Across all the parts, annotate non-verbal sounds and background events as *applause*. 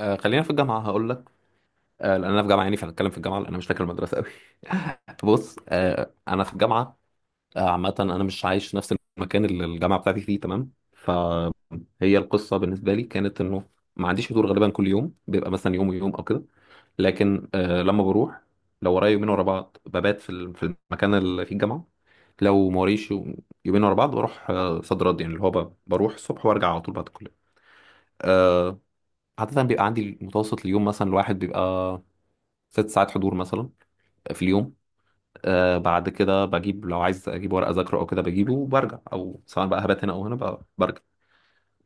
آه، خلينا في الجامعة هقول لك. آه لأن أنا في جامعة، يعني فهنتكلم في الجامعة لأن أنا مش فاكر المدرسة أوي. *laughs* بص، آه أنا في الجامعة. آه عامة أنا مش عايش في نفس المكان اللي الجامعة بتاعتي فيه، تمام؟ فهي القصة بالنسبة لي كانت إنه ما عنديش حضور غالبا، كل يوم بيبقى مثلا يوم ويوم أو كده. لكن آه لما بروح، لو ورايا يومين ورا بعض ببات في في المكان اللي فيه الجامعة. لو ما وريش يومين ورا بعض بروح آه صد رد، يعني اللي هو بروح الصبح وارجع على طول بعد الكلية. آه، عادة بيبقى عندي متوسط اليوم مثلا الواحد بيبقى ست ساعات حضور مثلا في اليوم. آه بعد كده بجيب، لو عايز اجيب ورقة اذاكره او كده بجيبه وبرجع، او سواء بقى هبات هنا او هنا بقى برجع.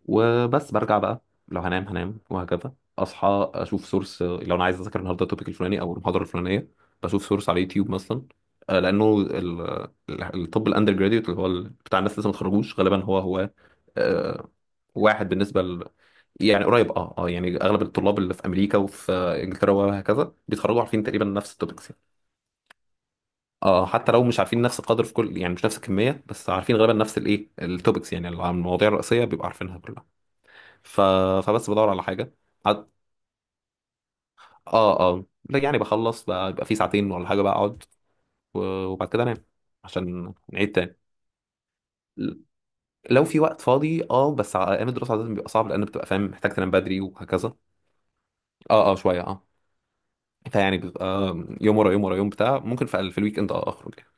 وبس برجع بقى. لو هنام هنام، وهكذا اصحى اشوف سورس لو انا عايز اذاكر النهارده التوبيك الفلاني او المحاضرة الفلانية. بشوف سورس على يوتيوب مثلا. آه لانه الطب الاندر جراديوت اللي هو بتاع الناس لسه ما اتخرجوش غالبا هو آه واحد بالنسبة، يعني قريب. اه يعني اغلب الطلاب اللي في امريكا وفي انجلترا وهكذا بيتخرجوا عارفين تقريبا نفس التوبكس يعني. اه حتى لو مش عارفين نفس القدر في كل، يعني مش نفس الكميه، بس عارفين غالبا نفس الايه التوبكس، يعني المواضيع الرئيسيه بيبقوا عارفينها كلها. ف... فبس بدور على حاجه. عد... اه لا يعني بخلص بقى، يبقى في ساعتين ولا حاجه بقى اقعد و- وبعد كده انام. عشان نعيد تاني. لو في وقت فاضي اه، بس ايام الدراسه عاده بيبقى صعب لان بتبقى فاهم محتاج تنام بدري وهكذا. اه شويه اه. فيعني بيبقى يوم ورا يوم ورا يوم بتاع، ممكن في الويك اند اه اخرج يعني.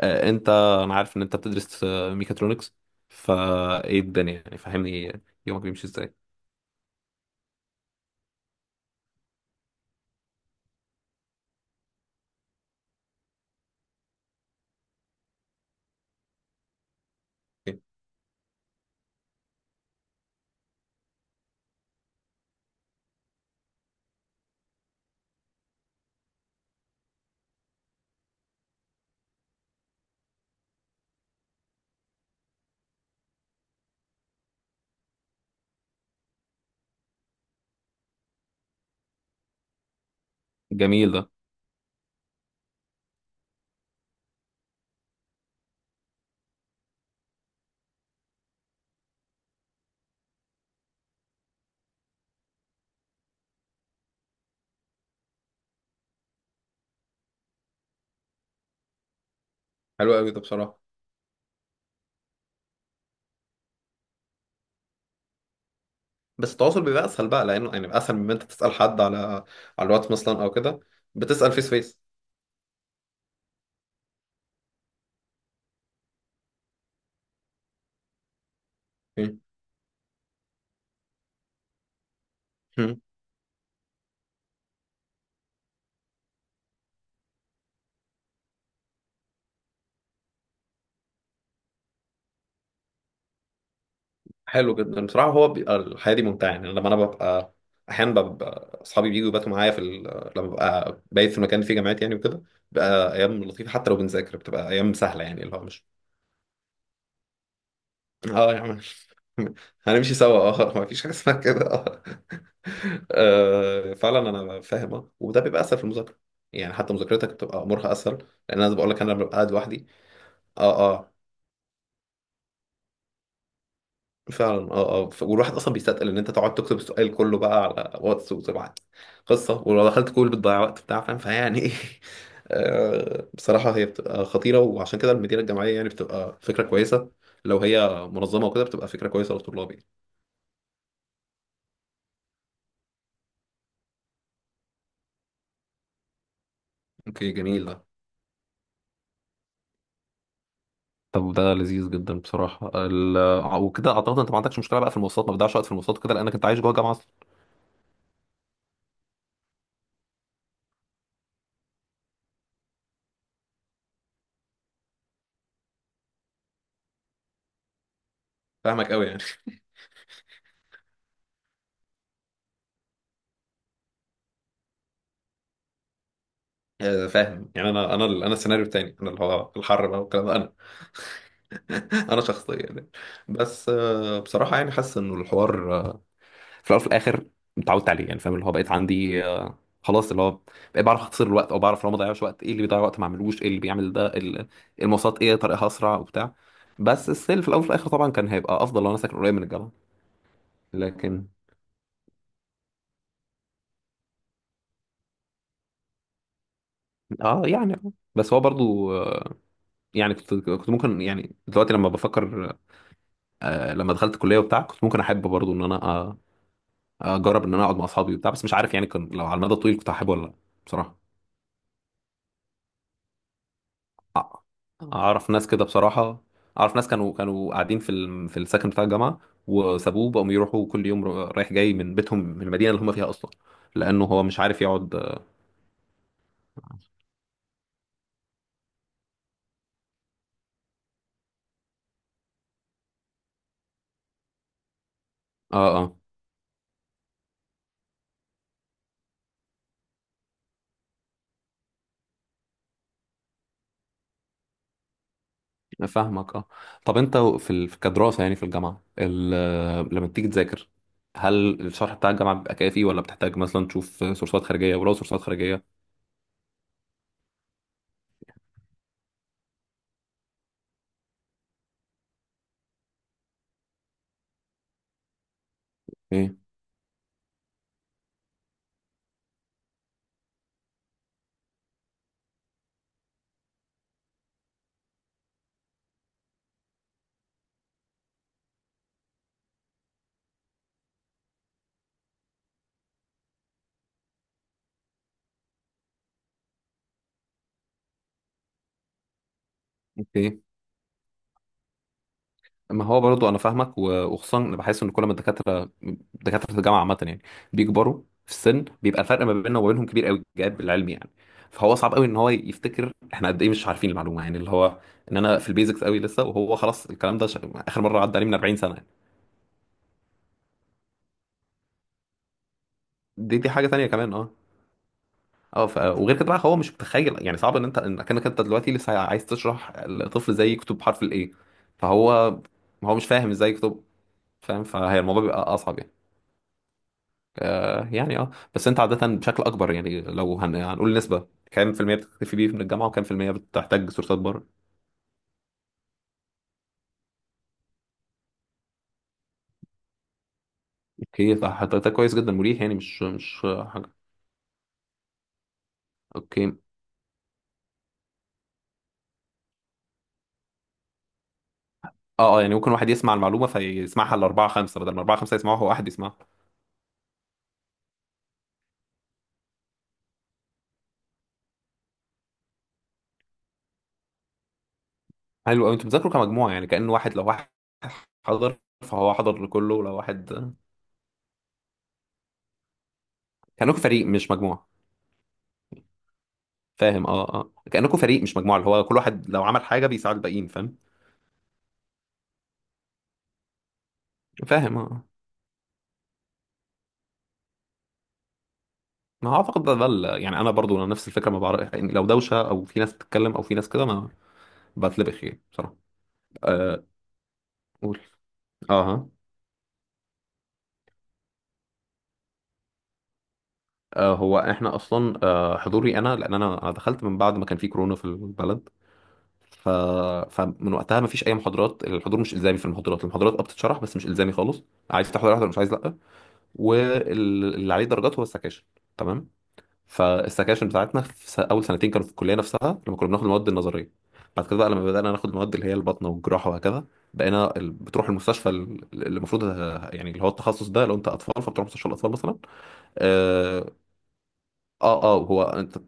آه، انت، انا عارف ان انت بتدرس ميكاترونكس، فايه الدنيا يعني؟ فهمني يومك بيمشي ازاي. أوكي. جميل ده. حلو قوي ده بصراحه. بس التواصل بيبقى اسهل بقى، لانه يعني بيبقى اسهل من ما انت تسال حد على على الواتس مثلا او كده. بتسال فيس، فيس. حلو جدا بصراحه، هو بيبقى الحياه دي ممتعه، يعني لما انا ببقى، احيانا ببقى اصحابي بييجوا يباتوا معايا في ال...، لما ببقى بايت في مكان فيه جامعات يعني وكده، بتبقى ايام لطيفه. حتى لو بنذاكر بتبقى ايام سهله، يعني اللي هو مش. *laughs* اه يا عم. *laughs* هنمشي سوا اه. *laughs* ما فيش حاجه اسمها كده اه. *laughs* فعلا انا فاهم اه، وده بيبقى اسهل في المذاكره. يعني حتى مذاكرتك بتبقى امورها اسهل، لان انا بقول لك انا ببقى قاعد لوحدي. اه فعلا. اه والواحد اصلا بيستثقل ان انت تقعد تكتب السؤال كله بقى على واتس وتبعت قصه، ولو دخلت كول بتضيع وقت بتاع، فاهم؟ فيعني ايه. *laughs* بصراحه هي بتبقى خطيره، وعشان كده المديره الجامعيه يعني بتبقى فكره كويسه، لو هي منظمه وكده بتبقى فكره كويسه للطلاب يعني. اوكي جميل ده. طب ده لذيذ جدا بصراحه ال...، وكده اعتقد انت ما عندكش مشكله بقى في المواصلات، ما بتضيعش وقت في المواصلات وكده، لانك انت عايش جوه الجامعه اصلا. فاهمك قوي يعني. *laughs* فاهم يعني، انا السيناريو التاني، انا اللي هو الحر بقى والكلام ده. انا شخصيا يعني بس بصراحه يعني حاسس انه الحوار في الاول وفي الاخر اتعودت عليه، يعني فاهم اللي هو بقيت عندي خلاص، اللي هو بقيت بعرف اختصر الوقت، او بعرف لو ما ضيعش وقت ايه اللي بيضيع وقت ما اعملوش، ايه اللي بيعمل ده المواصلات ايه طريقها اسرع وبتاع. بس السيل في الاول وفي الاخر طبعا كان هيبقى افضل لو انا ساكن قريب من الجامعه. لكن اه يعني آه. بس هو برضو يعني كنت ممكن، يعني دلوقتي لما بفكر، لما دخلت الكليه وبتاع كنت ممكن احب برضو ان انا اجرب ان انا اقعد مع اصحابي وبتاع، بس مش عارف يعني، كنت لو على المدى الطويل كنت هحبه ولا لا، بصراحه. أ- اه اعرف ناس كده بصراحه. اعرف ناس كانوا قاعدين في في السكن بتاع الجامعه، وسابوه بقوا يروحوا كل يوم رايح جاي من بيتهم من المدينه اللي هم فيها اصلا، لانه هو مش عارف يقعد. *laughs* اه فاهمك اه. طب انت في كدراسه يعني في الجامعه ال...، لما بتيجي تذاكر، هل الشرح بتاع الجامعه بيبقى كافي ولا بتحتاج مثلا تشوف سورسات خارجيه؟ ولو سورسات خارجيه ايه؟ اوكي. ما هو برضو انا فاهمك وخصوصا انا بحس ان كل ما الدكاتره، دكاتره الجامعه عامه يعني، بيكبروا في السن بيبقى الفرق ما بيننا وما بينهم كبير قوي، جاب العلمي يعني. فهو صعب قوي ان هو يفتكر احنا قد ايه مش عارفين المعلومه، يعني اللي هو ان انا في البيزكس قوي لسه، وهو خلاص الكلام ده اخر مره عدى عليه من 40 سنه يعني. دي حاجه تانيه كمان اه. اه وغير كده بقى هو مش متخيل، يعني صعب ان انت انك انت دلوقتي لسه عايز تشرح لطفل زي كتب حرف الايه. فهو، هو مش فاهم ازاي كتب فاهم، فهي الموضوع بيبقى اصعب يعني. آه يعني اه، بس انت عادة بشكل اكبر يعني، لو هنقول نسبة كام في المية بتكتفي بيه من الجامعة، وكام في المية بتحتاج سورسات بره؟ اوكي فحضرتك كويس جدا مريح، يعني مش مش حاجة. اوكي. اه يعني ممكن واحد يسمع المعلومة فيسمعها لأربعة خمسة، بدل ما أربعة خمسة يسمعوها، هو واحد يسمعها. حلو قوي، انتوا بتذاكروا كمجموعة؟ يعني كأن واحد، لو واحد حضر فهو حضر لكله. ولو واحد، كأنكم فريق مش مجموعة، فاهم؟ اه كأنكم فريق مش مجموعة، اللي هو كل واحد لو عمل حاجة بيساعد الباقيين، فاهم؟ فاهم اه آه. ما هو اعتقد ده يعني انا برضو نفس الفكره، ما بعرف يعني لو دوشه او في ناس بتتكلم او في ناس كده ما بتلبخ يعني بصراحه. أه. قول. اه ها. أه هو احنا اصلا أه حضوري انا، لان انا دخلت من بعد ما كان في كورونا في البلد. ف... فمن وقتها ما فيش اي محاضرات، الحضور مش الزامي في المحاضرات، المحاضرات اه بتتشرح بس مش الزامي خالص. عايز تحضر احضر، مش عايز لا. واللي عليه درجات هو السكاشن، تمام؟ فالسكاشن بتاعتنا في اول سنتين كانوا في الكليه نفسها، لما كنا بناخد المواد النظريه. بعد كده بقى لما بدانا ناخد المواد اللي هي البطنه والجراحه وهكذا، بقينا بتروح المستشفى اللي المفروض، يعني اللي هو التخصص ده، لو انت اطفال فبتروح مستشفى الاطفال مثلا. اه. هو انت،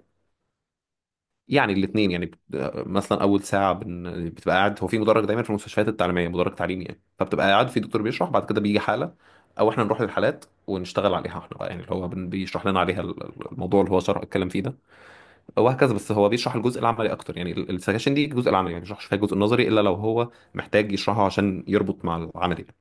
يعني الاثنين، يعني مثلا اول ساعه بتبقى قاعد هو في مدرج، دايما في المستشفيات التعليميه مدرج تعليمي يعني، فبتبقى قاعد في دكتور بيشرح، بعد كده بيجي حاله، او احنا نروح للحالات ونشتغل عليها احنا بقى، يعني اللي هو بيشرح لنا عليها الموضوع اللي هو شرح اتكلم فيه ده، وهكذا. بس هو بيشرح الجزء العملي اكتر، يعني السكاشن دي الجزء العملي يعني، ما بيشرحش فيها الجزء النظري الا لو هو محتاج يشرحه عشان يربط مع العملي يعني.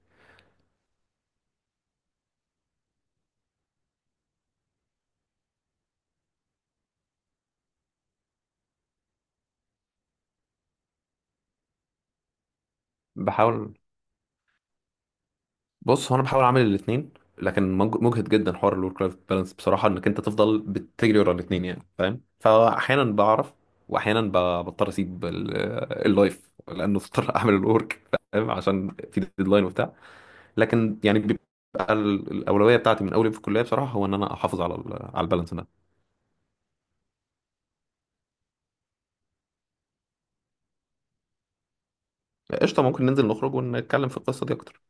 بحاول. بص هو انا بحاول اعمل الاثنين، لكن مجهد جدا حوار الورك لايف بالانس بصراحه، انك انت تفضل بتجري ورا الاثنين يعني فاهم. فاحيانا بعرف، واحيانا بضطر اسيب اللايف لانه اضطر *laughs* اعمل الورك، فاهم؟ عشان في ديدلاين وبتاع. لكن يعني بيبقى الاولويه بتاعتي من اولي في الكليه بصراحه، هو ان انا احافظ على ال- على البالانس ده. قشطة. ممكن ننزل نخرج ونتكلم في القصة دي أكتر.